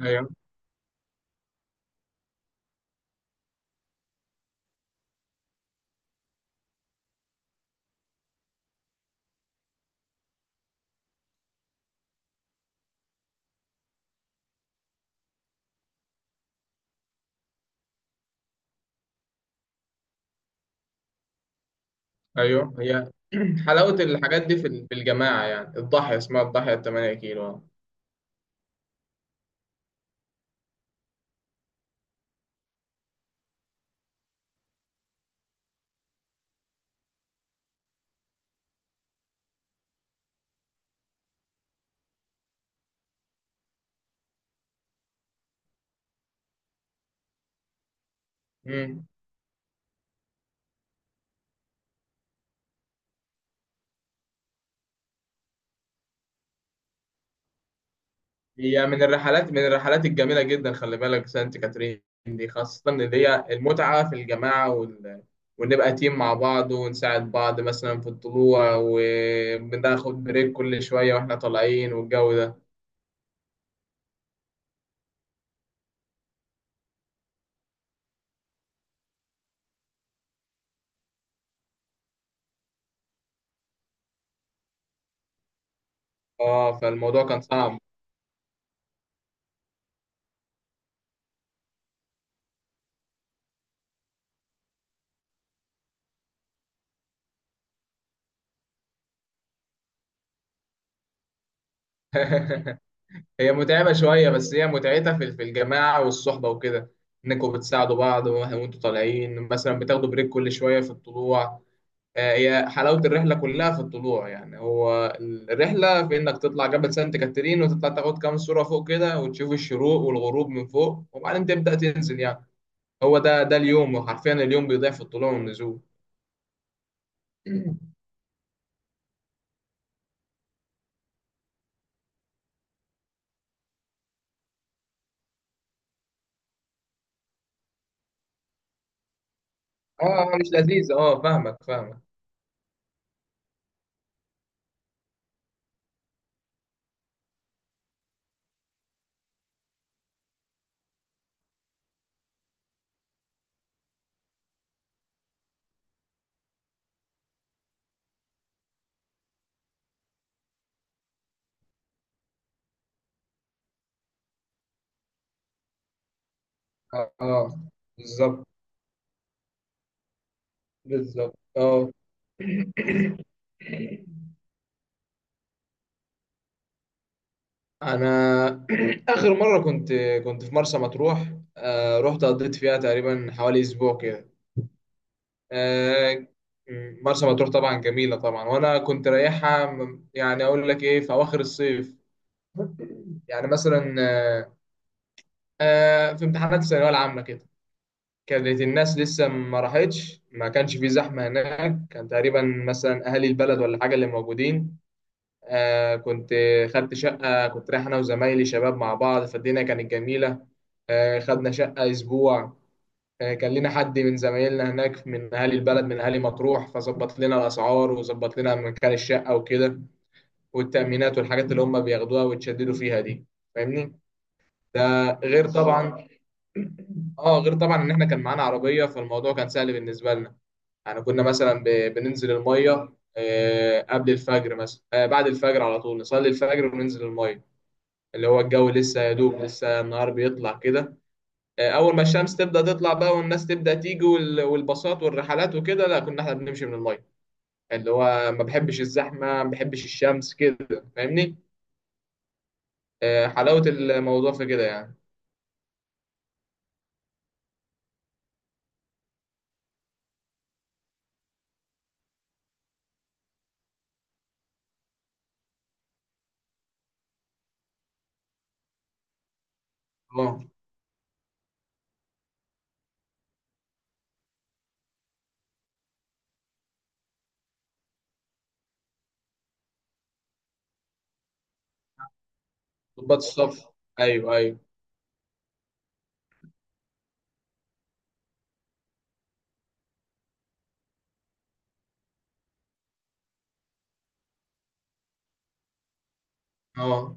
ايوه ايوه، هي حلاوه الحاجات دي في الجماعه، يعني الضاحيه اسمها الضاحيه 8 كيلو. امم هي من الرحلات الجميله جدا، خلي بالك سانت كاترين دي، خاصه اللي هي المتعه في الجماعه ونبقى تيم مع بعض ونساعد بعض مثلا في الطلوع، وبناخد بريك كل شويه واحنا طالعين، والجو ده. اه، فالموضوع كان صعب. هي متعبة شوية، بس هي متعتها في الجماعة والصحبة وكده، إنكم بتساعدوا بعض وه- وأنتوا طالعين مثلا بتاخدوا بريك كل شوية في الطلوع. هي حلاوة الرحلة كلها في الطلوع، يعني هو الرحلة في إنك تطلع جبل سانت كاترين، وتطلع تاخد كام صورة فوق كده، وتشوف الشروق والغروب من فوق، وبعدين تبدأ تنزل يعني. هو ده اليوم، وحرفيا اليوم بيضيع في الطلوع والنزول. مش لذيذ، فاهمك فاهمك. آه آه، بالظبط، بالظبط، انا اخر مره كنت، كنت في مرسى مطروح. رحت قضيت فيها تقريبا حوالي اسبوع كده. آه، مرسى مطروح طبعا جميله طبعا، وانا كنت رايحها يعني اقول لك ايه، في اواخر الصيف، يعني مثلا، في امتحانات الثانويه العامه كده. كانت الناس لسه ما راحتش، ما كانش في زحمه هناك، كان تقريبا مثلا اهالي البلد ولا حاجه اللي موجودين. كنت خدت شقة، كنت رايح أنا وزمايلي شباب مع بعض، فالدنيا كانت جميلة. خدنا شقة أسبوع. كان لنا حد من زمايلنا هناك من أهالي البلد، من أهالي مطروح، فظبط لنا الأسعار، وظبط لنا مكان الشقة وكده، والتأمينات والحاجات اللي هم بياخدوها ويتشددوا فيها دي. فاهمني؟ ده غير طبعا، اه غير طبعا ان احنا كان معانا عربيه، فالموضوع كان سهل بالنسبه لنا. يعني كنا مثلا بننزل الميه قبل الفجر مثلا، بعد الفجر على طول نصلي الفجر وننزل الميه، اللي هو الجو لسه يا دوب، لسه النهار بيطلع كده. اول ما الشمس تبدا تطلع بقى، والناس تبدا تيجي وال- والباصات والرحلات وكده، لا كنا احنا بنمشي من الميه، اللي هو ما بحبش الزحمه، ما بحبش الشمس كده، فاهمني. حلاوه الموضوع في كده يعني. اه، ضباط الصف. ايوه، ايوه. اه،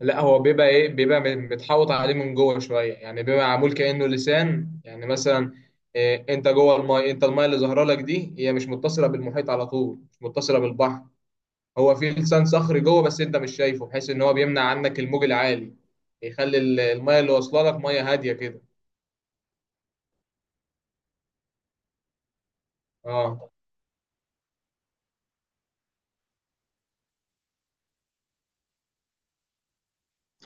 لا هو بيبقى ايه، بيبقى متحوط عليه من جوه شويه، يعني بيبقى معمول كانه لسان يعني. مثلا إيه، انت جوه المايه، انت المايه اللي ظاهره لك دي هي مش متصله بالمحيط على طول، مش متصله بالبحر. هو في لسان صخري جوه، بس انت مش شايفه، بحيث ان هو بيمنع عنك الموج العالي، يخلي الميه اللي واصله لك ميه هاديه كده. اه،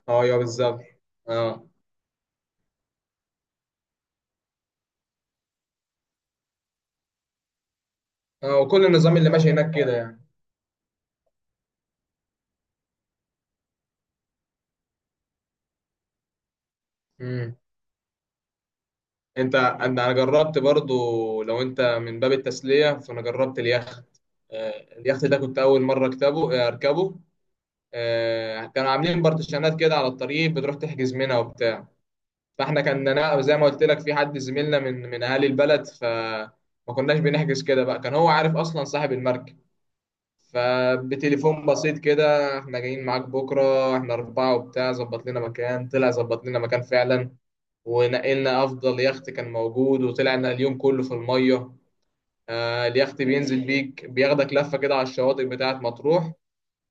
اه يا بالظبط. اه، اه وكل النظام اللي ماشي هناك كده يعني. امم انت أنا جربت برضو، لو انت من باب التسليه، فانا جربت اليخت. اليخت ده كنت اول مره اركبه. كانوا عاملين بارتيشنات كده على الطريق، بتروح تحجز منها وبتاع. فاحنا كان، انا زي ما قلت لك، في حد زميلنا من اهالي البلد، فما كناش بنحجز كده بقى، كان هو عارف اصلا صاحب المركب. فبتليفون بسيط كده، احنا جايين معاك بكره، احنا اربعه وبتاع، ظبط لنا مكان، طلع ظبط لنا مكان فعلا. ونقلنا افضل يخت كان موجود، وطلعنا اليوم كله في الميه. اليخت بينزل بيك، بياخدك لفه كده على الشواطئ بتاعه مطروح.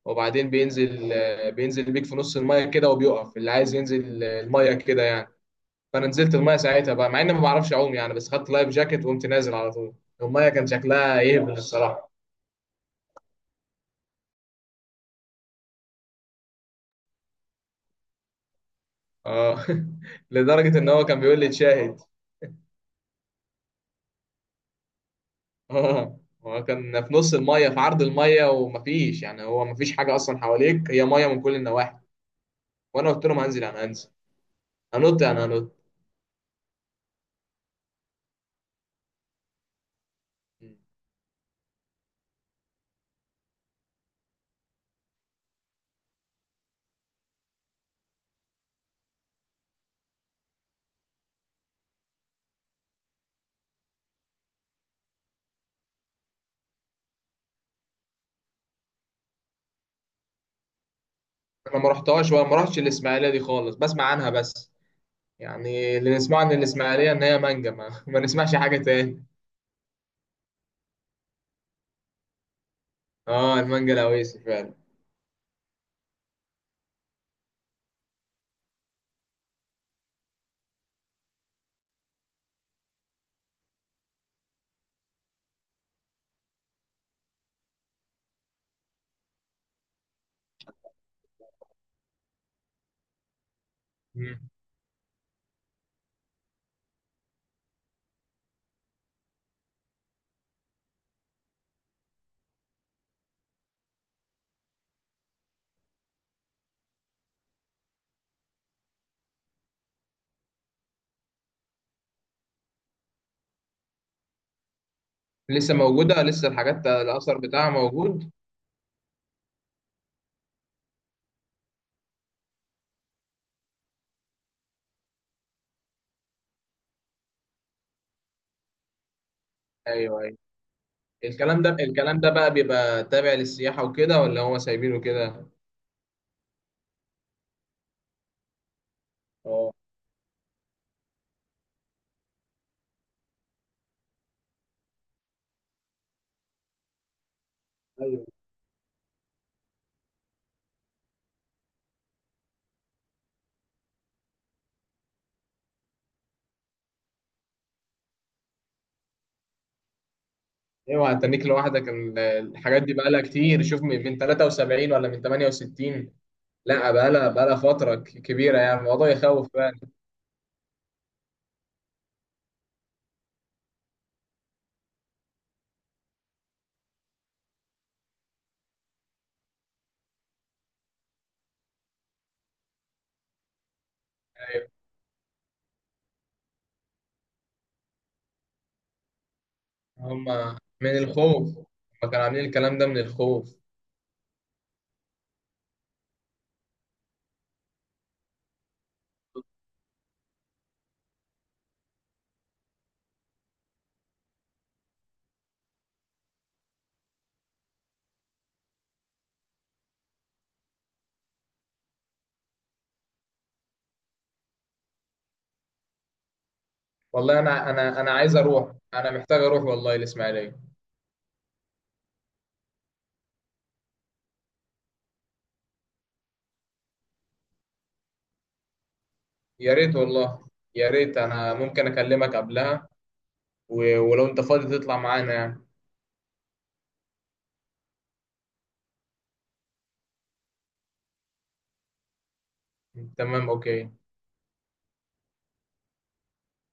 وبعدين بينزل بيك في نص الميه كده، وبيقف اللي عايز ينزل الميه كده يعني. فانا نزلت المايه ساعتها بقى، مع اني ما بعرفش اعوم يعني، بس خدت لايف جاكيت وقمت نازل على طول. المايه كان شكلها يهبل الصراحه. اه لدرجه ان هو كان بيقول لي تشاهد. اه، هو كان في نص المايه، في عرض المايه، ومفيش يعني، هو مفيش حاجه اصلا حواليك، هي مايه من كل النواحي. وانا قلت لهم هنزل، انا هنزل، هنط. انا ما رحتهاش، وما رحتش الاسماعيليه دي خالص، بسمع عنها بس. يعني اللي نسمعه عن الاسماعيليه ان هي مانجا، ما, ما نسمعش حاجه تاني. اه، المانجا الاويسي فعلا. لسه موجودة، لسه الحاجات الأثر بتاعها موجود. أيوه. الكلام ده، الكلام ده بقى بيبقى تابع للسياحة وكده، ولا هو سايبينه كده؟ اه، أيوه أيوه. هتنيك لوحدك الحاجات دي بقالها كتير، شوف من 73 ولا من 68. لا بقالها، بقالها فترة كبيرة، يعني الموضوع يخوف فعلا. أيوه، هما من الخوف، هما كانوا عاملين الكلام ده من الخوف. والله أنا عايز أروح، أنا محتاج أروح والله الإسماعيلية. يا ريت والله. يا ريت، أنا ممكن أكلمك قبلها، و- ولو انت فاضي تطلع معانا يعني. تمام، اوكي.